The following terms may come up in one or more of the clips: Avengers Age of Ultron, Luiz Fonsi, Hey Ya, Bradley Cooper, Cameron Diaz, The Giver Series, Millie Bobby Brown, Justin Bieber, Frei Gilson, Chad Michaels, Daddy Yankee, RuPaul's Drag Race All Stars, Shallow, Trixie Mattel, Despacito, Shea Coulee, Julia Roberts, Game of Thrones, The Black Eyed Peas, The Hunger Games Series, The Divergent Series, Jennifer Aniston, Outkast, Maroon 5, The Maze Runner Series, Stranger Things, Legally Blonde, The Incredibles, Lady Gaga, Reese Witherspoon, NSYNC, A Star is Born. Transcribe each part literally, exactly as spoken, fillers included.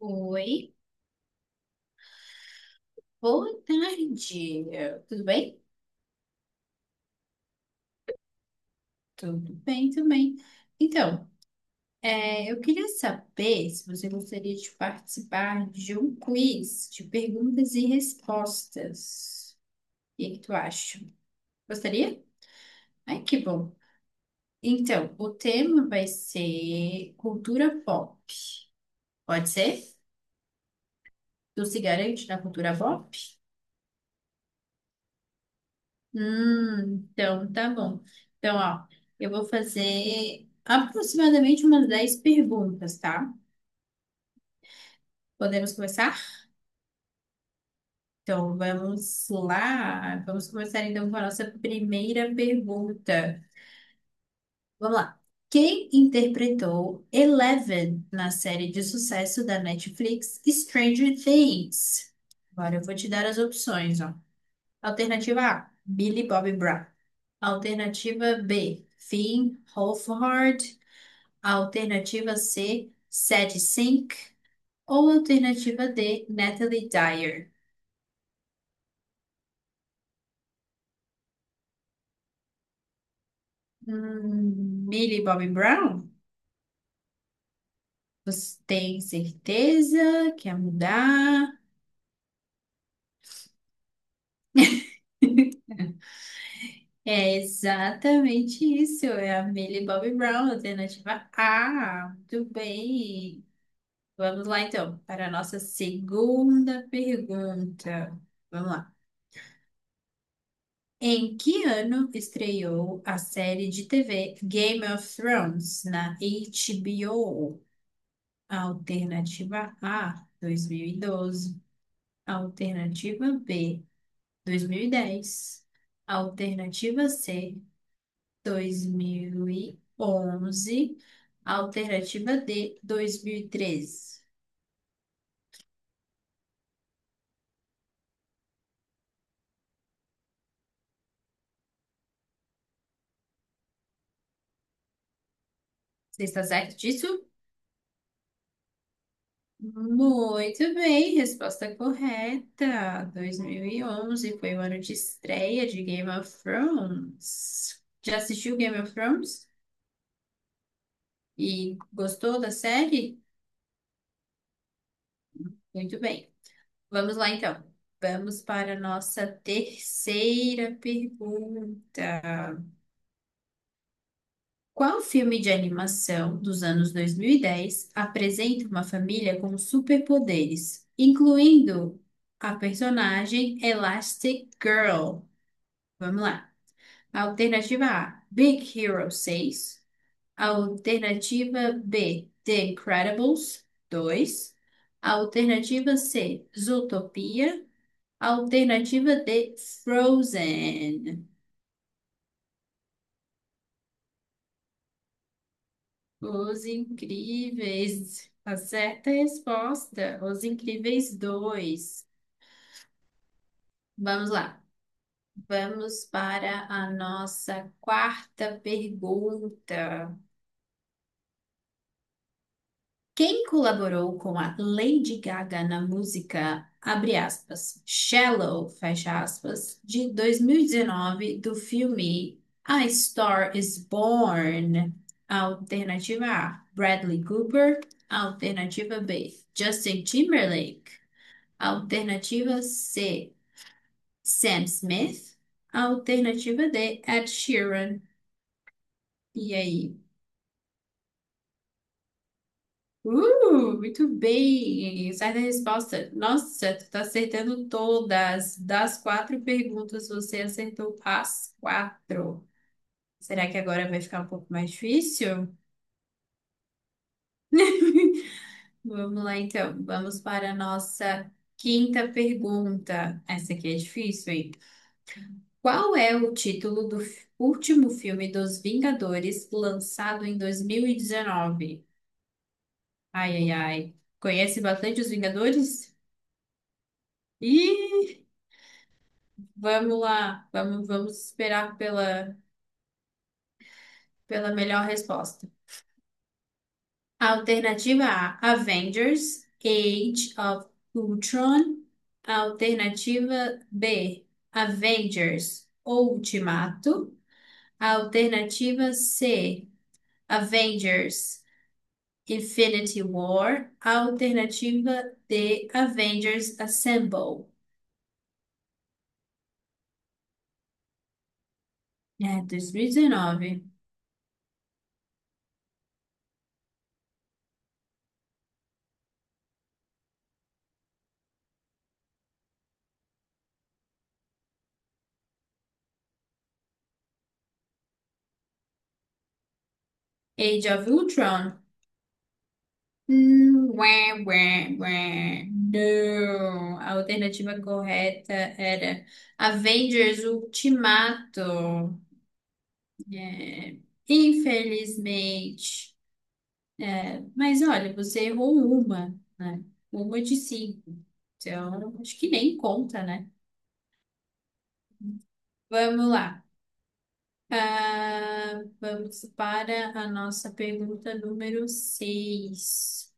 Oi, boa tarde. Tudo bem? Tudo bem também. Então, é, eu queria saber se você gostaria de participar de um quiz de perguntas e respostas. O que é que tu acha? Gostaria? Ai, que bom. Então, o tema vai ser cultura pop. Pode ser? Tu se garante na cultura pop? Hum, então, tá bom. Então, ó, eu vou fazer aproximadamente umas dez perguntas, tá? Podemos começar? Então, vamos lá. Vamos começar então com a nossa primeira pergunta. Vamos lá. Quem interpretou Eleven na série de sucesso da Netflix Stranger Things? Agora eu vou te dar as opções, ó. Alternativa A, Billy Bobby Brown. Alternativa B, Finn Wolfhard. A alternativa C, Sadie Sink. Ou a alternativa D, Natalie Dyer. Hum, Millie Bobby Brown? Você tem certeza? Quer mudar? É exatamente isso. É a Millie Bobby Brown, alternativa A. Muito bem. Vamos lá, então, para a nossa segunda pergunta. Vamos lá. Em que ano estreou a série de T V Game of Thrones na H B O? Alternativa A, dois mil e doze. Alternativa B, dois mil e dez. Alternativa C, dois mil e onze. Alternativa D, dois mil e treze. Você está certo disso? Muito bem, resposta correta. dois mil e onze foi o ano de estreia de Game of Thrones. Já assistiu Game of Thrones? E gostou da série? Muito bem. Vamos lá então. Vamos para a nossa terceira pergunta. Qual filme de animação dos anos dois mil e dez apresenta uma família com superpoderes, incluindo a personagem Elastic Girl? Vamos lá. Alternativa A, Big Hero seis. Alternativa B, The Incredibles dois. Alternativa C, Zootopia. Alternativa D, Frozen. Os Incríveis. A certa resposta, Os Incríveis dois. Vamos lá. Vamos para a nossa quarta pergunta. Quem colaborou com a Lady Gaga na música, abre aspas, Shallow, fecha aspas, de dois mil e dezenove do filme A Star is Born? Alternativa A, Bradley Cooper. Alternativa B, Justin Timberlake. Alternativa C, Sam Smith. Alternativa D, Ed Sheeran. E aí? Uh, muito bem. Certa resposta. Nossa, tu tá acertando todas. Das quatro perguntas, você acertou as quatro. Será que agora vai ficar um pouco mais difícil? Vamos lá, então. Vamos para a nossa quinta pergunta. Essa aqui é difícil, hein? Qual é o título do f- último filme dos Vingadores lançado em dois mil e dezenove? Ai, ai, ai. Conhece bastante os Vingadores? Ih! Vamos lá, vamos, vamos esperar pela, pela melhor resposta. Alternativa A: Avengers, Age of Ultron. Alternativa B: Avengers, Ultimato. Alternativa C: Avengers, Infinity War. Alternativa D: Avengers Assemble. É, dois mil e dezenove. Age of Ultron. Hum, ué, ué, ué. Não. A alternativa correta era Avengers Ultimato. É, infelizmente. É, mas olha, você errou uma, né? Uma de cinco. Então, acho que nem conta, né? Vamos lá. Ah, vamos para a nossa pergunta número seis.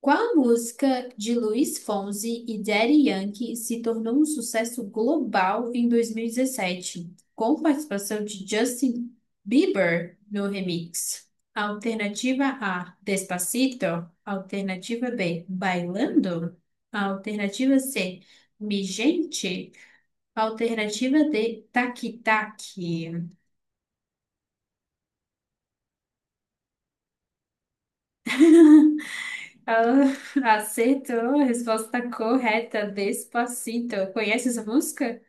Qual música de Luiz Fonsi e Daddy Yankee se tornou um sucesso global em dois mil e dezessete, com participação de Justin Bieber no remix? Alternativa A, Despacito. Alternativa B, Bailando. Alternativa C, Mi Gente. Alternativa D, Taqui Taqui. Ah, acertou a resposta correta, Despacito. Conhece essa música?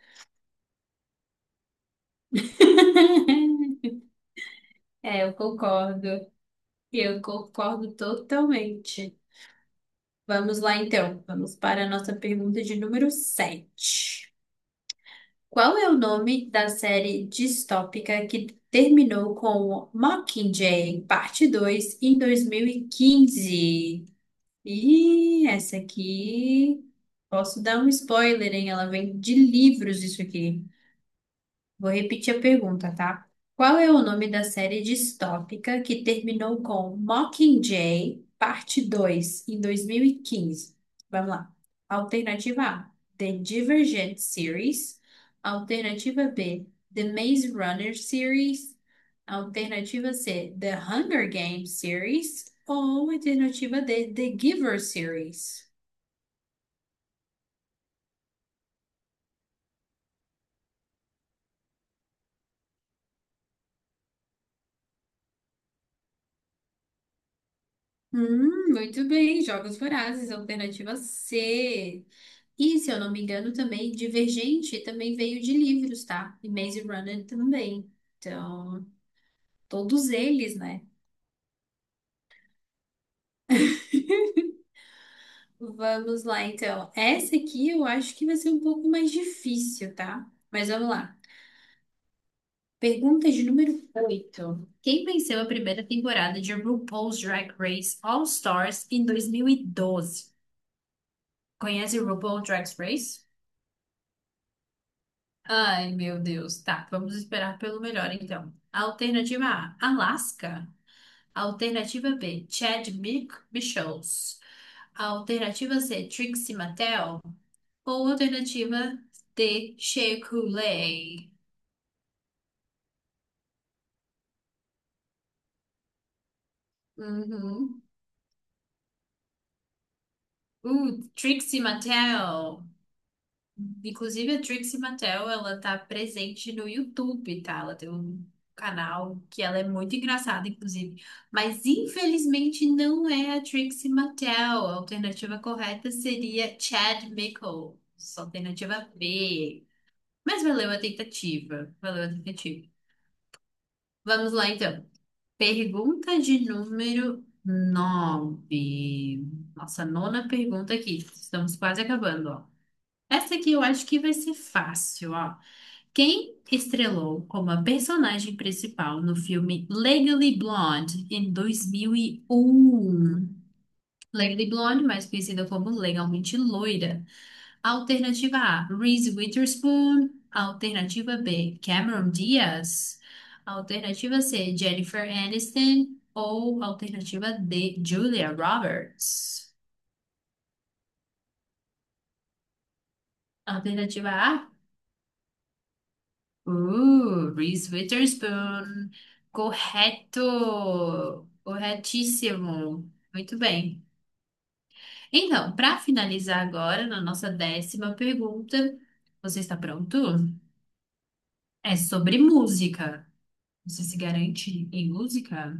É, eu concordo. Eu concordo totalmente. Vamos lá, então. Vamos para a nossa pergunta de número sete. Qual é o nome da série distópica que terminou com Mockingjay, parte dois, em dois mil e quinze? E quinze? E essa aqui. Posso dar um spoiler, hein? Ela vem de livros, isso aqui. Vou repetir a pergunta, tá? Qual é o nome da série distópica que terminou com Mockingjay, parte dois em dois mil e quinze? Vamos lá. Alternativa A, The Divergent Series. Alternativa B, The Maze Runner Series. Alternativa C, The Hunger Games Series. Ou alternativa D, The Giver Series. Hum, muito bem, Jogos Vorazes, alternativa C. E, se eu não me engano, também Divergente também veio de livros, tá? E Maze Runner também. Então, todos eles, né? Vamos lá, então. Essa aqui eu acho que vai ser um pouco mais difícil, tá? Mas vamos lá. Pergunta de número oito. Quem venceu a primeira temporada de RuPaul's Drag Race All Stars em dois mil e doze? Conhece RuPaul Drag Race? Ai, meu Deus. Tá, vamos esperar pelo melhor, então. Alternativa A, Alaska. Alternativa B, Chad Mi- Michaels. Alternativa C, Trixie Mattel. Ou alternativa D, Shea Coulee. Uhum. Uh, Trixie Mattel. Inclusive, a Trixie Mattel, ela tá presente no YouTube, tá? Ela tem um canal que ela é muito engraçada, inclusive. Mas, infelizmente, não é a Trixie Mattel. A alternativa correta seria Chad Michaels. Alternativa B. Mas valeu a tentativa. Valeu a tentativa. Vamos lá, então. Pergunta de número nove. Nossa, nona pergunta aqui. Estamos quase acabando, ó. Essa aqui eu acho que vai ser fácil, ó. Quem estrelou como a personagem principal no filme Legally Blonde em dois mil e um? Legally Blonde, mais conhecida como Legalmente Loira. Alternativa A, Reese Witherspoon. Alternativa B, Cameron Diaz. Alternativa C, Jennifer Aniston. Ou alternativa D, Julia Roberts. Alternativa A, uh, Reese Witherspoon. Correto! Corretíssimo! Muito bem. Então, para finalizar agora, na nossa décima pergunta, você está pronto? É sobre música. Você se garante em música?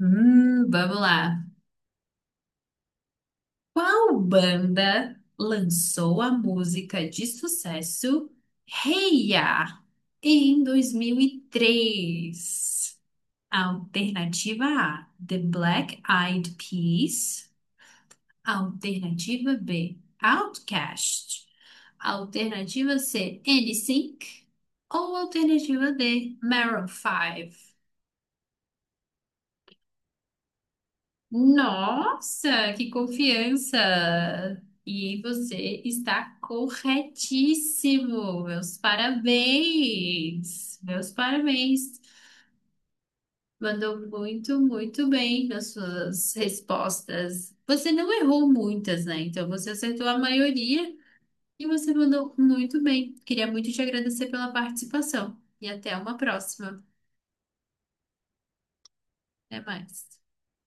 Hum, vamos lá. Qual banda lançou a música de sucesso Hey Ya em dois mil e três? Alternativa A, The Black Eyed Peas. Alternativa B, Outkast. Alternativa C, N Sync. Ou alternativa D, Maroon five. Nossa, que confiança! E você está corretíssimo. Meus parabéns. Meus parabéns. Mandou muito, muito bem nas suas respostas. Você não errou muitas, né? Então você acertou a maioria e você mandou muito bem. Queria muito te agradecer pela participação. E até uma próxima. Até mais.